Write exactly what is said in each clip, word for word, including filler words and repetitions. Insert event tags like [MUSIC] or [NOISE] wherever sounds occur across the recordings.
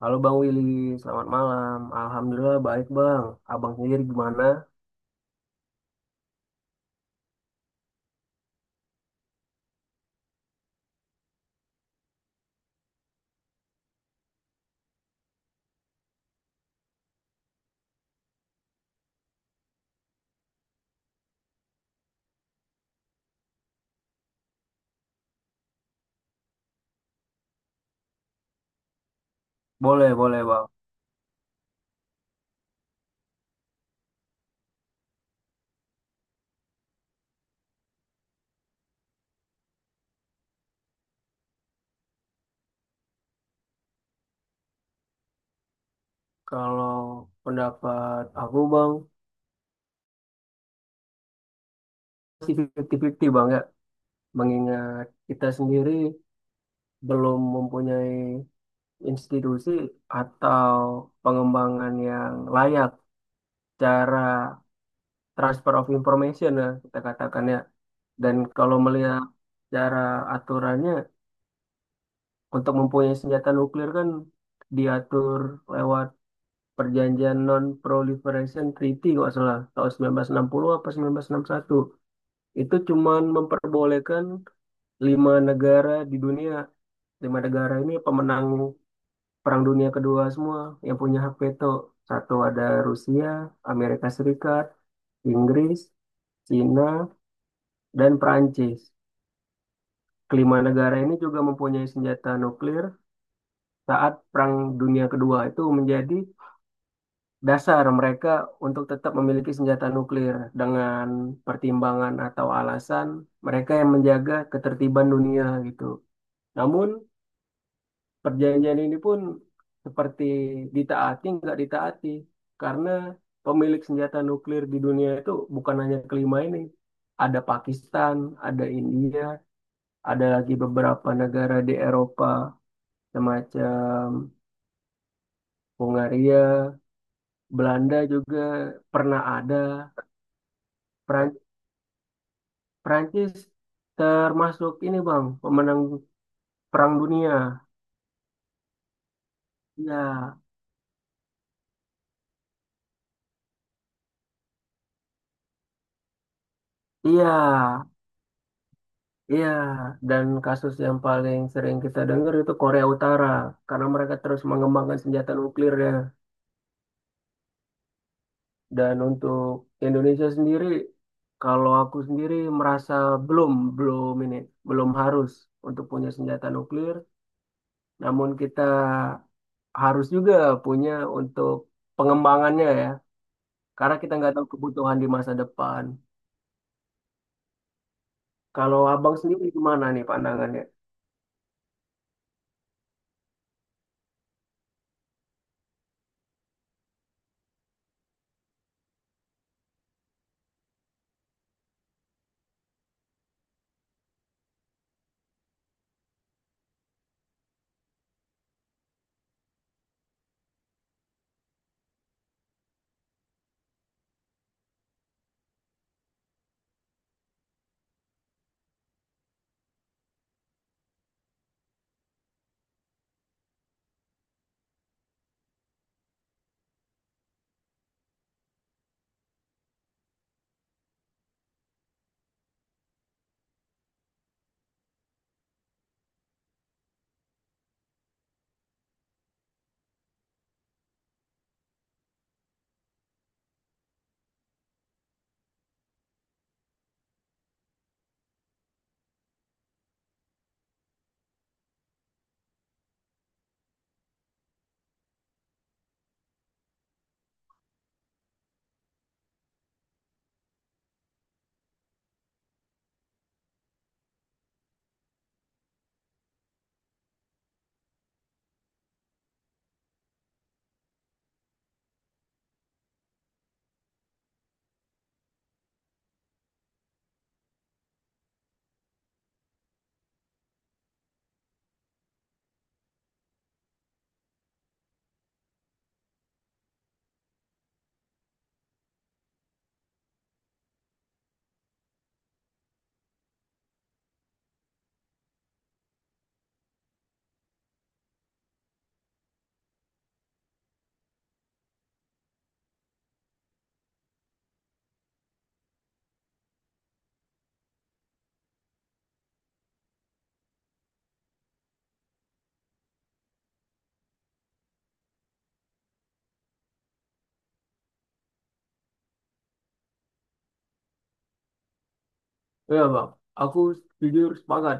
Halo Bang Willy, selamat malam. Alhamdulillah baik Bang. Abang sendiri gimana? Boleh, boleh Bang. Kalau pendapat aku Bang, masih lima puluh lima puluh Bang ya. Mengingat kita sendiri belum mempunyai institusi atau pengembangan yang layak cara transfer of information ya, kita katakan ya. Dan kalau melihat cara aturannya, untuk mempunyai senjata nuklir kan diatur lewat Perjanjian Non-Proliferation Treaty kalau salah tahun seribu sembilan ratus enam puluh apa seribu sembilan ratus enam puluh satu. Itu cuman memperbolehkan lima negara di dunia, lima negara ini pemenang Perang Dunia Kedua semua yang punya hak veto. Satu ada Rusia, Amerika Serikat, Inggris, Cina, dan Perancis. Kelima negara ini juga mempunyai senjata nuklir saat Perang Dunia Kedua, itu menjadi dasar mereka untuk tetap memiliki senjata nuklir dengan pertimbangan atau alasan mereka yang menjaga ketertiban dunia gitu. Namun perjanjian ini pun seperti ditaati nggak ditaati, karena pemilik senjata nuklir di dunia itu bukan hanya kelima ini. Ada Pakistan, ada India, ada lagi beberapa negara di Eropa semacam Hungaria, Belanda juga pernah ada. Prancis termasuk ini Bang, pemenang Perang Dunia. Iya, iya, iya. Dan kasus yang paling sering kita dengar itu Korea Utara, karena mereka terus mengembangkan senjata nuklirnya. Dan untuk Indonesia sendiri, kalau aku sendiri merasa belum, belum ini, belum harus untuk punya senjata nuklir, namun kita harus juga punya untuk pengembangannya ya, karena kita nggak tahu kebutuhan di masa depan. Kalau abang sendiri gimana nih pandangannya? Iya bang, aku jujur sepakat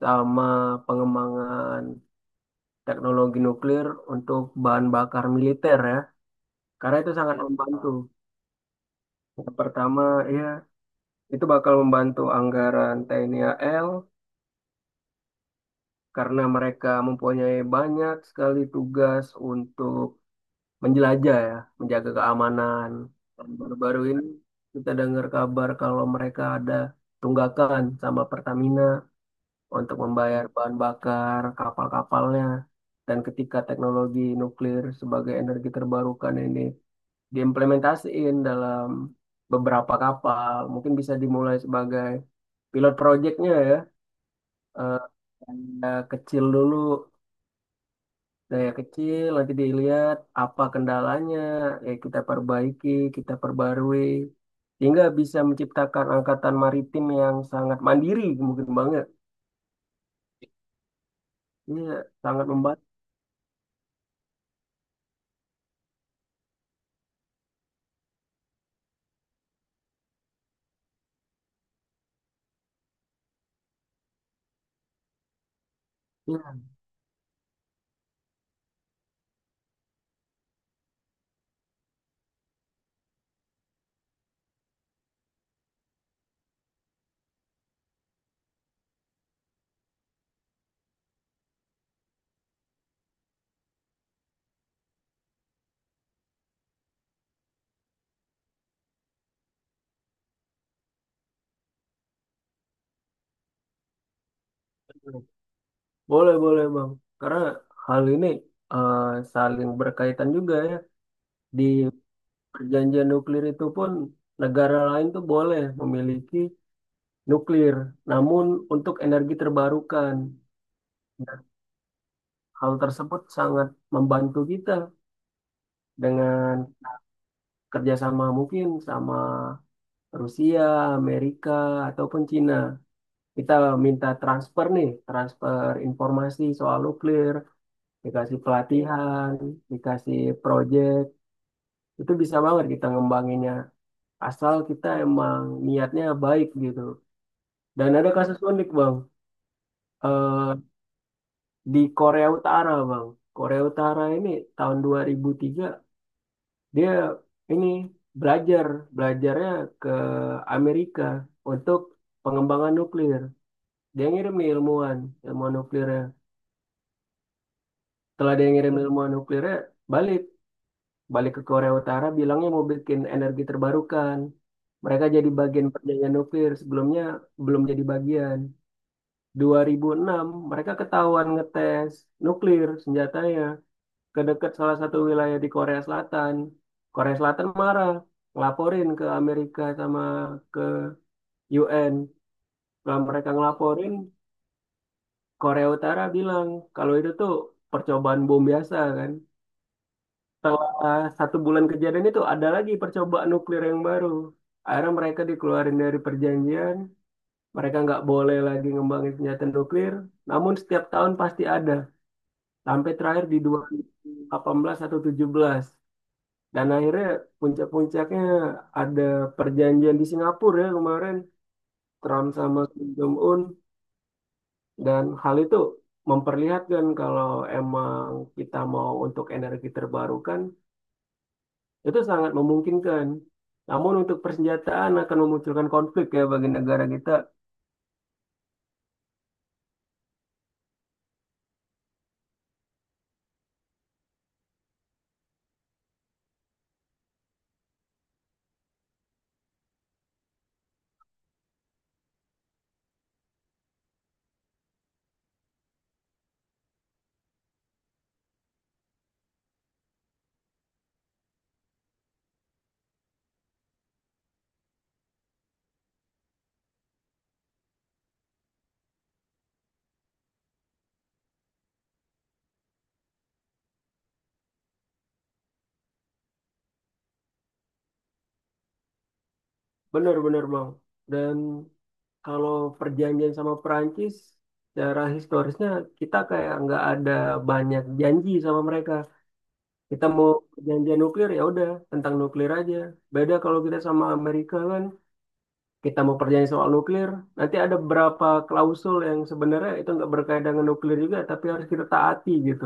sama pengembangan teknologi nuklir untuk bahan bakar militer ya, karena itu sangat membantu. Yang pertama, ya itu bakal membantu anggaran T N I A L karena mereka mempunyai banyak sekali tugas untuk menjelajah ya, menjaga keamanan. Dan baru-baru ini kita dengar kabar kalau mereka ada tunggakan sama Pertamina untuk membayar bahan bakar kapal-kapalnya. Dan ketika teknologi nuklir sebagai energi terbarukan ini diimplementasiin dalam beberapa kapal, mungkin bisa dimulai sebagai pilot projectnya ya. Eh, Daya kecil dulu, daya kecil, nanti dilihat apa kendalanya, ya kita perbaiki, kita perbarui, sehingga bisa menciptakan angkatan maritim yang sangat mandiri, mungkin banget. Iya, sangat membantu. Iya. Boleh, boleh Bang. Karena hal ini eh, saling berkaitan juga ya. Di perjanjian nuklir itu pun negara lain tuh boleh memiliki nuklir, namun untuk energi terbarukan. Dan hal tersebut sangat membantu kita dengan kerjasama mungkin sama Rusia, Amerika, ataupun Cina. Kita minta transfer nih, transfer informasi soal nuklir, dikasih pelatihan, dikasih proyek, itu bisa banget kita ngembanginnya asal kita emang niatnya baik gitu. Dan ada kasus unik bang. Eh, di Korea Utara bang, Korea Utara ini tahun dua ribu tiga dia ini belajar belajarnya ke Amerika untuk pengembangan nuklir. Dia ngirim nih ilmuwan ilmuwan nuklirnya. Setelah dia ngirim ilmuwan nuklirnya, balik balik ke Korea Utara bilangnya mau bikin energi terbarukan. Mereka jadi bagian perjanjian nuklir, sebelumnya belum jadi bagian. dua ribu enam mereka ketahuan ngetes nuklir senjatanya ke dekat salah satu wilayah di Korea Selatan. Korea Selatan marah, ngelaporin ke Amerika sama ke U N. Setelah mereka ngelaporin, Korea Utara bilang kalau itu tuh percobaan bom biasa kan. Setelah eh, satu bulan kejadian itu ada lagi percobaan nuklir yang baru. Akhirnya mereka dikeluarin dari perjanjian, mereka nggak boleh lagi ngembangin senjata nuklir, namun setiap tahun pasti ada, sampai terakhir di dua ribu delapan belas atau tujuh belas. Dan akhirnya puncak-puncaknya ada perjanjian di Singapura ya kemarin, Trump sama Kim Jong-un, dan hal itu memperlihatkan kalau emang kita mau untuk energi terbarukan, itu sangat memungkinkan. Namun untuk persenjataan akan memunculkan konflik ya bagi negara kita. Benar-benar Bang. Dan kalau perjanjian sama Perancis, secara historisnya kita kayak nggak ada banyak janji sama mereka. Kita mau perjanjian nuklir ya udah tentang nuklir aja. Beda kalau kita sama Amerika kan, kita mau perjanjian soal nuklir, nanti ada beberapa klausul yang sebenarnya itu nggak berkaitan dengan nuklir juga, tapi harus kita taati gitu.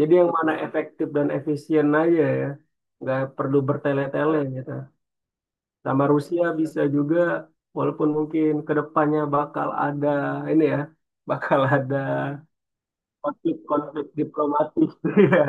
Jadi yang mana efektif dan efisien aja ya. Nggak perlu bertele-tele gitu. Sama Rusia bisa juga, walaupun mungkin kedepannya bakal ada ini ya, [LAUGHS] bakal ada konflik-konflik diplomatik. [LAUGHS] Iya.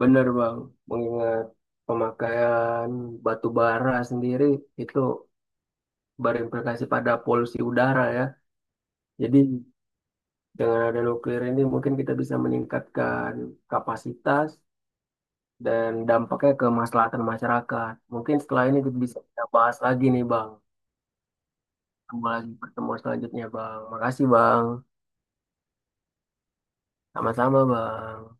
Bener Bang, mengingat pemakaian batu bara sendiri itu berimplikasi pada polusi udara ya. Jadi dengan ada nuklir ini mungkin kita bisa meningkatkan kapasitas dan dampaknya ke kemaslahatan masyarakat. Mungkin setelah ini kita bisa kita bahas lagi nih, Bang. Ketemu lagi pertemuan selanjutnya, Bang. Makasih, Bang. Sama-sama, Bang.